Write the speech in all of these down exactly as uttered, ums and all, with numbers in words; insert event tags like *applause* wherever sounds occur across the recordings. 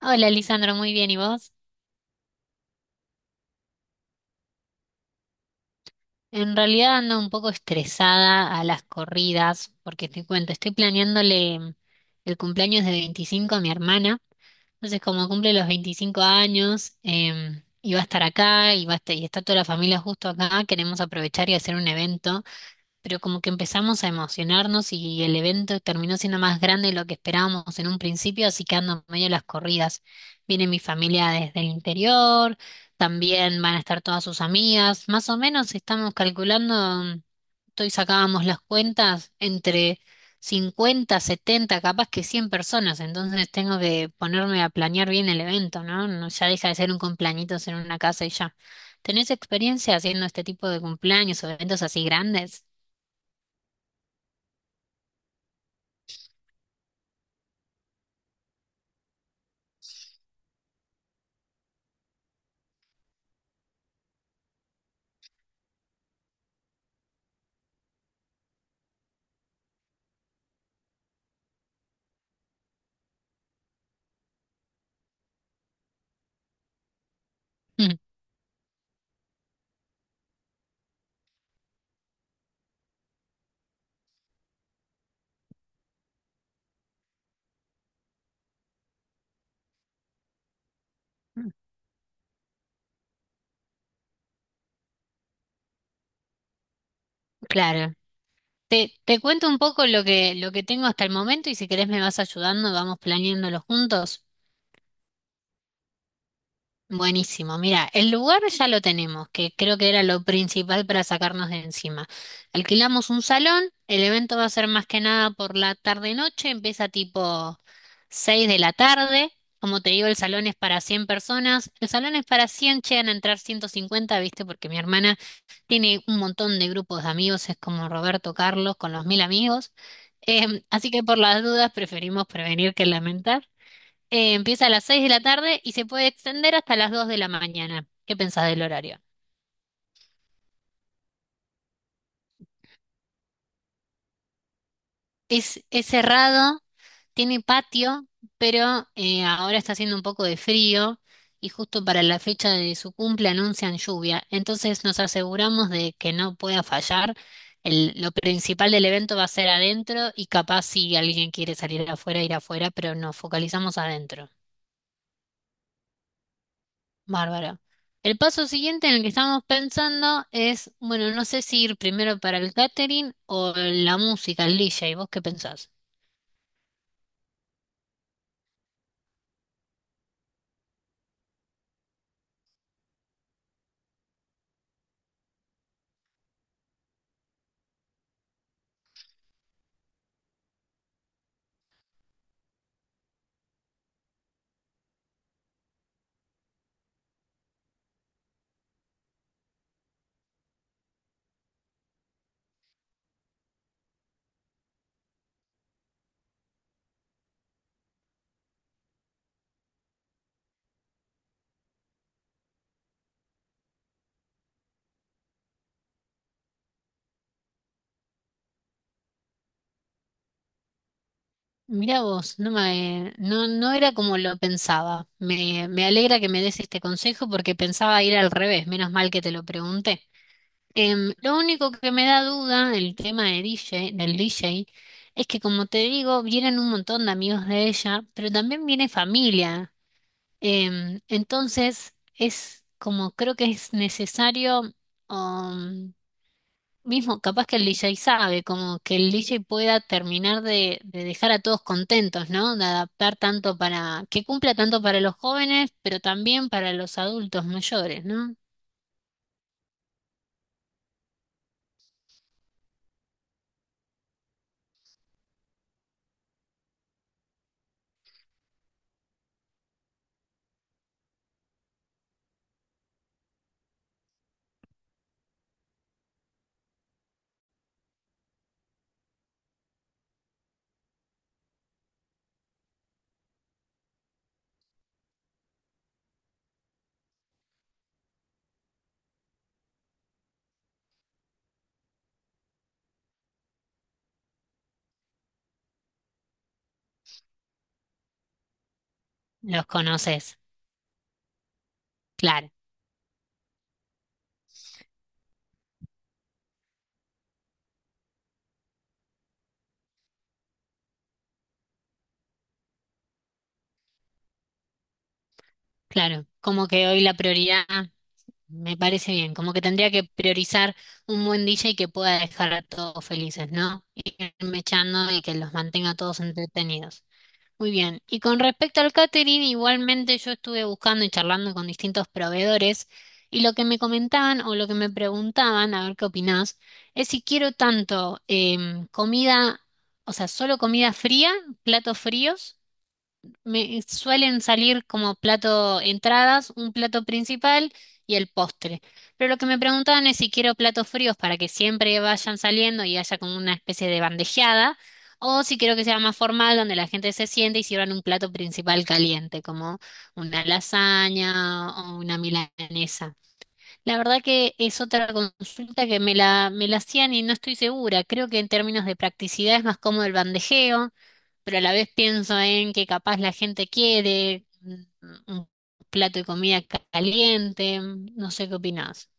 Hola, Lisandro, muy bien, ¿y vos? En realidad ando un poco estresada a las corridas, porque te cuento, estoy planeándole mm, el cumpleaños de veinticinco a mi hermana, entonces como cumple los veinticinco años, em, y va a estar acá, y va a estar- y está toda la familia justo acá, queremos aprovechar y hacer un evento, pero como que empezamos a emocionarnos y el evento terminó siendo más grande de lo que esperábamos en un principio, así que ando medio a las corridas. Viene mi familia desde el interior, también van a estar todas sus amigas. Más o menos estamos calculando, hoy sacábamos las cuentas entre cincuenta, setenta, capaz que cien personas, entonces tengo que ponerme a planear bien el evento, ¿no? No, ya deja de ser un cumpleañitos en una casa y ya. ¿Tenés experiencia haciendo este tipo de cumpleaños o eventos así grandes? Mm. Claro. Te, te cuento un poco lo que, lo que tengo hasta el momento y si querés me vas ayudando, vamos planeándolo juntos. Buenísimo, mira, el lugar ya lo tenemos, que creo que era lo principal para sacarnos de encima. Alquilamos un salón, el evento va a ser más que nada por la tarde-noche, empieza tipo seis de la tarde. Como te digo, el salón es para cien personas. El salón es para cien, llegan a entrar ciento cincuenta, ¿viste? Porque mi hermana tiene un montón de grupos de amigos, es como Roberto Carlos con los mil amigos. Em, así que por las dudas preferimos prevenir que lamentar. Eh, empieza a las seis de la tarde y se puede extender hasta las dos de la mañana. ¿Qué pensás del horario? Es, es cerrado, tiene patio, pero eh, ahora está haciendo un poco de frío y justo para la fecha de su cumple anuncian lluvia. Entonces nos aseguramos de que no pueda fallar. El- lo principal del evento va a ser adentro y capaz si alguien quiere salir afuera, ir afuera, pero nos focalizamos adentro. Bárbaro. El paso siguiente en el que estamos pensando es, bueno, no sé si ir primero para el catering o la música, el D J. ¿Vos qué pensás? Mirá vos, no me, no, no era como lo pensaba. Me, me alegra que me des este consejo porque pensaba ir al revés, menos mal que te lo pregunté. Em, lo único que me da duda el tema de D J, del D J, es que como te digo, vienen un montón de amigos de ella, pero también viene familia. Em, entonces, es como creo que es necesario, um, mismo capaz que el D J sabe, como que el D J pueda terminar de, de dejar a todos contentos, ¿no? De adaptar tanto para, que cumpla tanto para los jóvenes, pero también para los adultos mayores, ¿no? Los conoces, claro, claro. Como que hoy la prioridad. Me parece bien, como que tendría que priorizar un buen D J que pueda dejar a todos felices, ¿no? Irme echando y que los mantenga a todos entretenidos. Muy bien, y con respecto al catering, igualmente yo estuve buscando y charlando con distintos proveedores, y lo que me comentaban o lo que me preguntaban, a ver qué opinás, es si quiero tanto em, comida, o sea, solo comida fría, platos fríos me suelen salir como plato entradas, un plato principal y el postre. Pero lo que me preguntaban es si quiero platos fríos para que siempre vayan saliendo y haya como una especie de bandejeada, o si quiero que sea más formal, donde la gente se siente y sirvan un plato principal caliente, como una lasaña o una milanesa. La verdad que es otra consulta que me la, me la hacían y no estoy segura. Creo que en términos de practicidad es más cómodo el bandejeo, pero a la vez pienso en que capaz la gente quiere un un plato de comida ca- caliente, no sé qué opinás.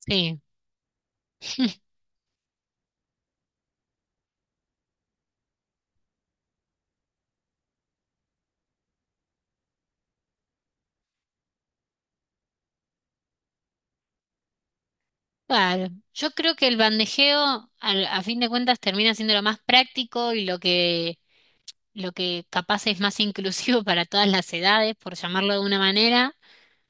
Sí, claro. Yo creo que el bandejeo al- a, fin de cuentas termina siendo lo más práctico y lo que, lo que capaz es más inclusivo *laughs* para todas las edades, por llamarlo de una manera.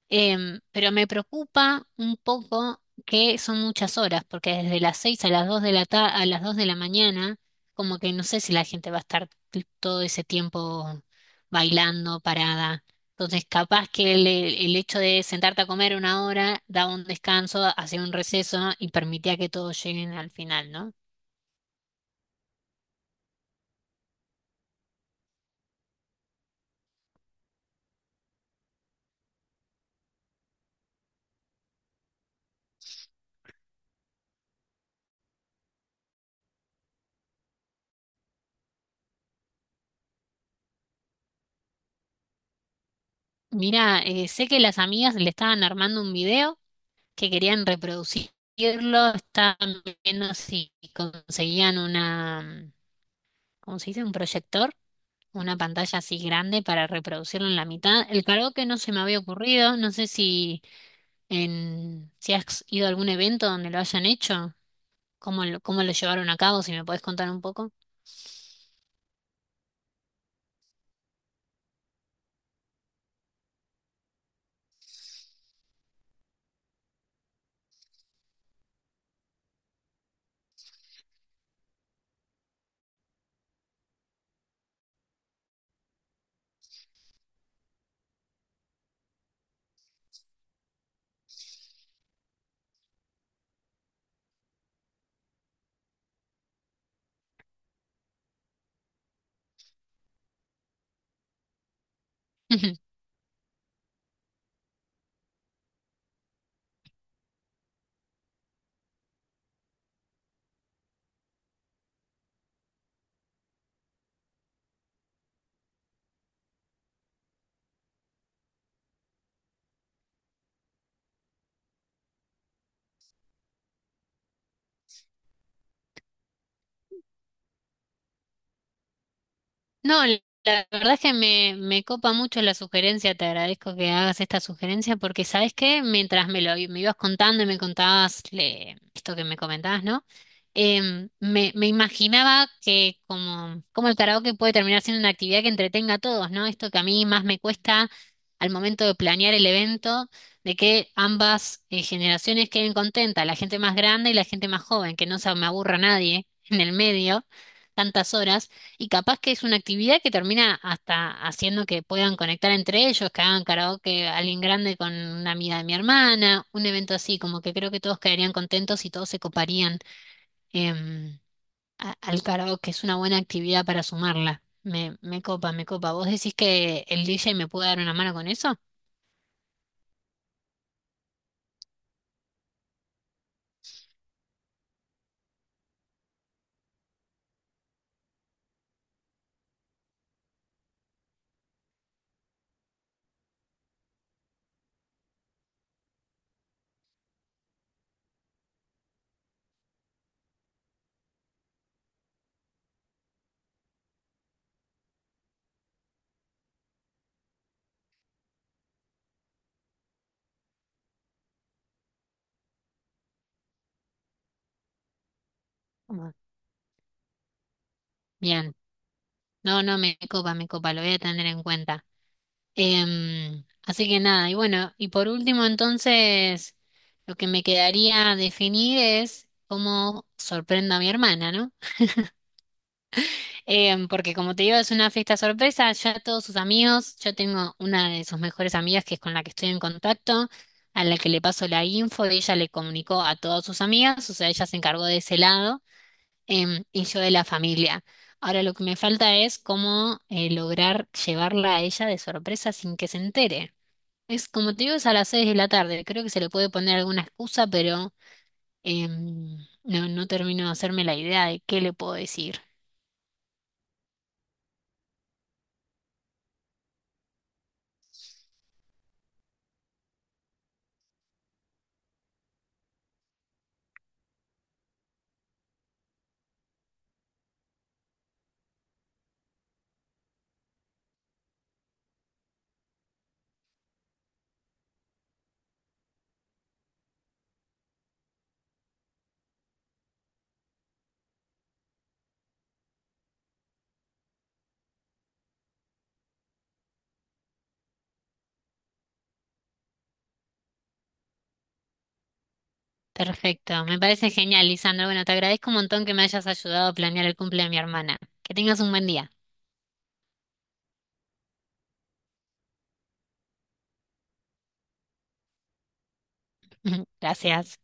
Em, pero me preocupa un poco que son muchas horas, porque desde las seis a las dos de la ta- a las dos de la mañana, como que no sé si la gente va a estar t- todo ese tiempo bailando, parada. Entonces, capaz que el, el hecho de sentarte a comer una hora daba un descanso, hacía un receso y permitía que todos lleguen al final, ¿no? Mira, eh, sé que las amigas le estaban armando un video, que querían reproducirlo. Estaban viendo si conseguían una, ¿cómo se dice? Un proyector, una pantalla así grande para reproducirlo en la mitad. El karaoke no se me había ocurrido, no sé si en, si has ido a algún evento donde lo hayan hecho, cómo lo, cómo lo llevaron a cabo, si me podés contar un poco. *laughs* Ujú. No, la la verdad es que me, me copa mucho la sugerencia, te agradezco que hagas esta sugerencia porque, ¿sabes qué? Mientras me lo i- me ibas contando y me contabas le- esto que me comentabas, ¿no? Em, me, me imaginaba que como, como el karaoke puede terminar siendo una actividad que entretenga a todos, ¿no? Esto que a mí más me cuesta al momento de planear el evento, de que ambas eh, generaciones queden contentas, la gente más grande y la gente más joven, que no se me aburra nadie *laughs* en el medio, tantas horas, y capaz que es una actividad que termina hasta haciendo que puedan conectar entre ellos, que hagan karaoke alguien grande con una amiga de mi hermana, un evento así, como que creo que todos quedarían contentos y todos se coparían em, a- al karaoke. Es una buena actividad para sumarla. Me, me copa, me copa. ¿Vos decís que el D J me puede dar una mano con eso? Como. Bien. No, no, me copa, me copa. Lo voy a tener en cuenta. Em, así que nada, y bueno, y por último entonces, lo que me quedaría definir es cómo sorprendo a mi hermana, ¿no? Em, porque como te digo, es una fiesta sorpresa. Ya todos sus amigos, yo tengo una de sus mejores amigas que es con la que estoy en contacto, a la que le paso la info, y ella le comunicó a todas sus amigas, o sea, ella se encargó de ese lado, em, y yo de la familia. Ahora lo que me falta es cómo eh, lograr llevarla a ella de sorpresa sin que se entere. Es como te digo, es a las seis de la tarde, creo que se le puede poner alguna excusa, pero em, no, no termino de hacerme la idea de qué le puedo decir. Perfecto, me parece genial, Lisandro. Bueno, te agradezco un montón que me hayas ayudado a planear el cumple de mi hermana. Que tengas un buen día. *laughs* Gracias.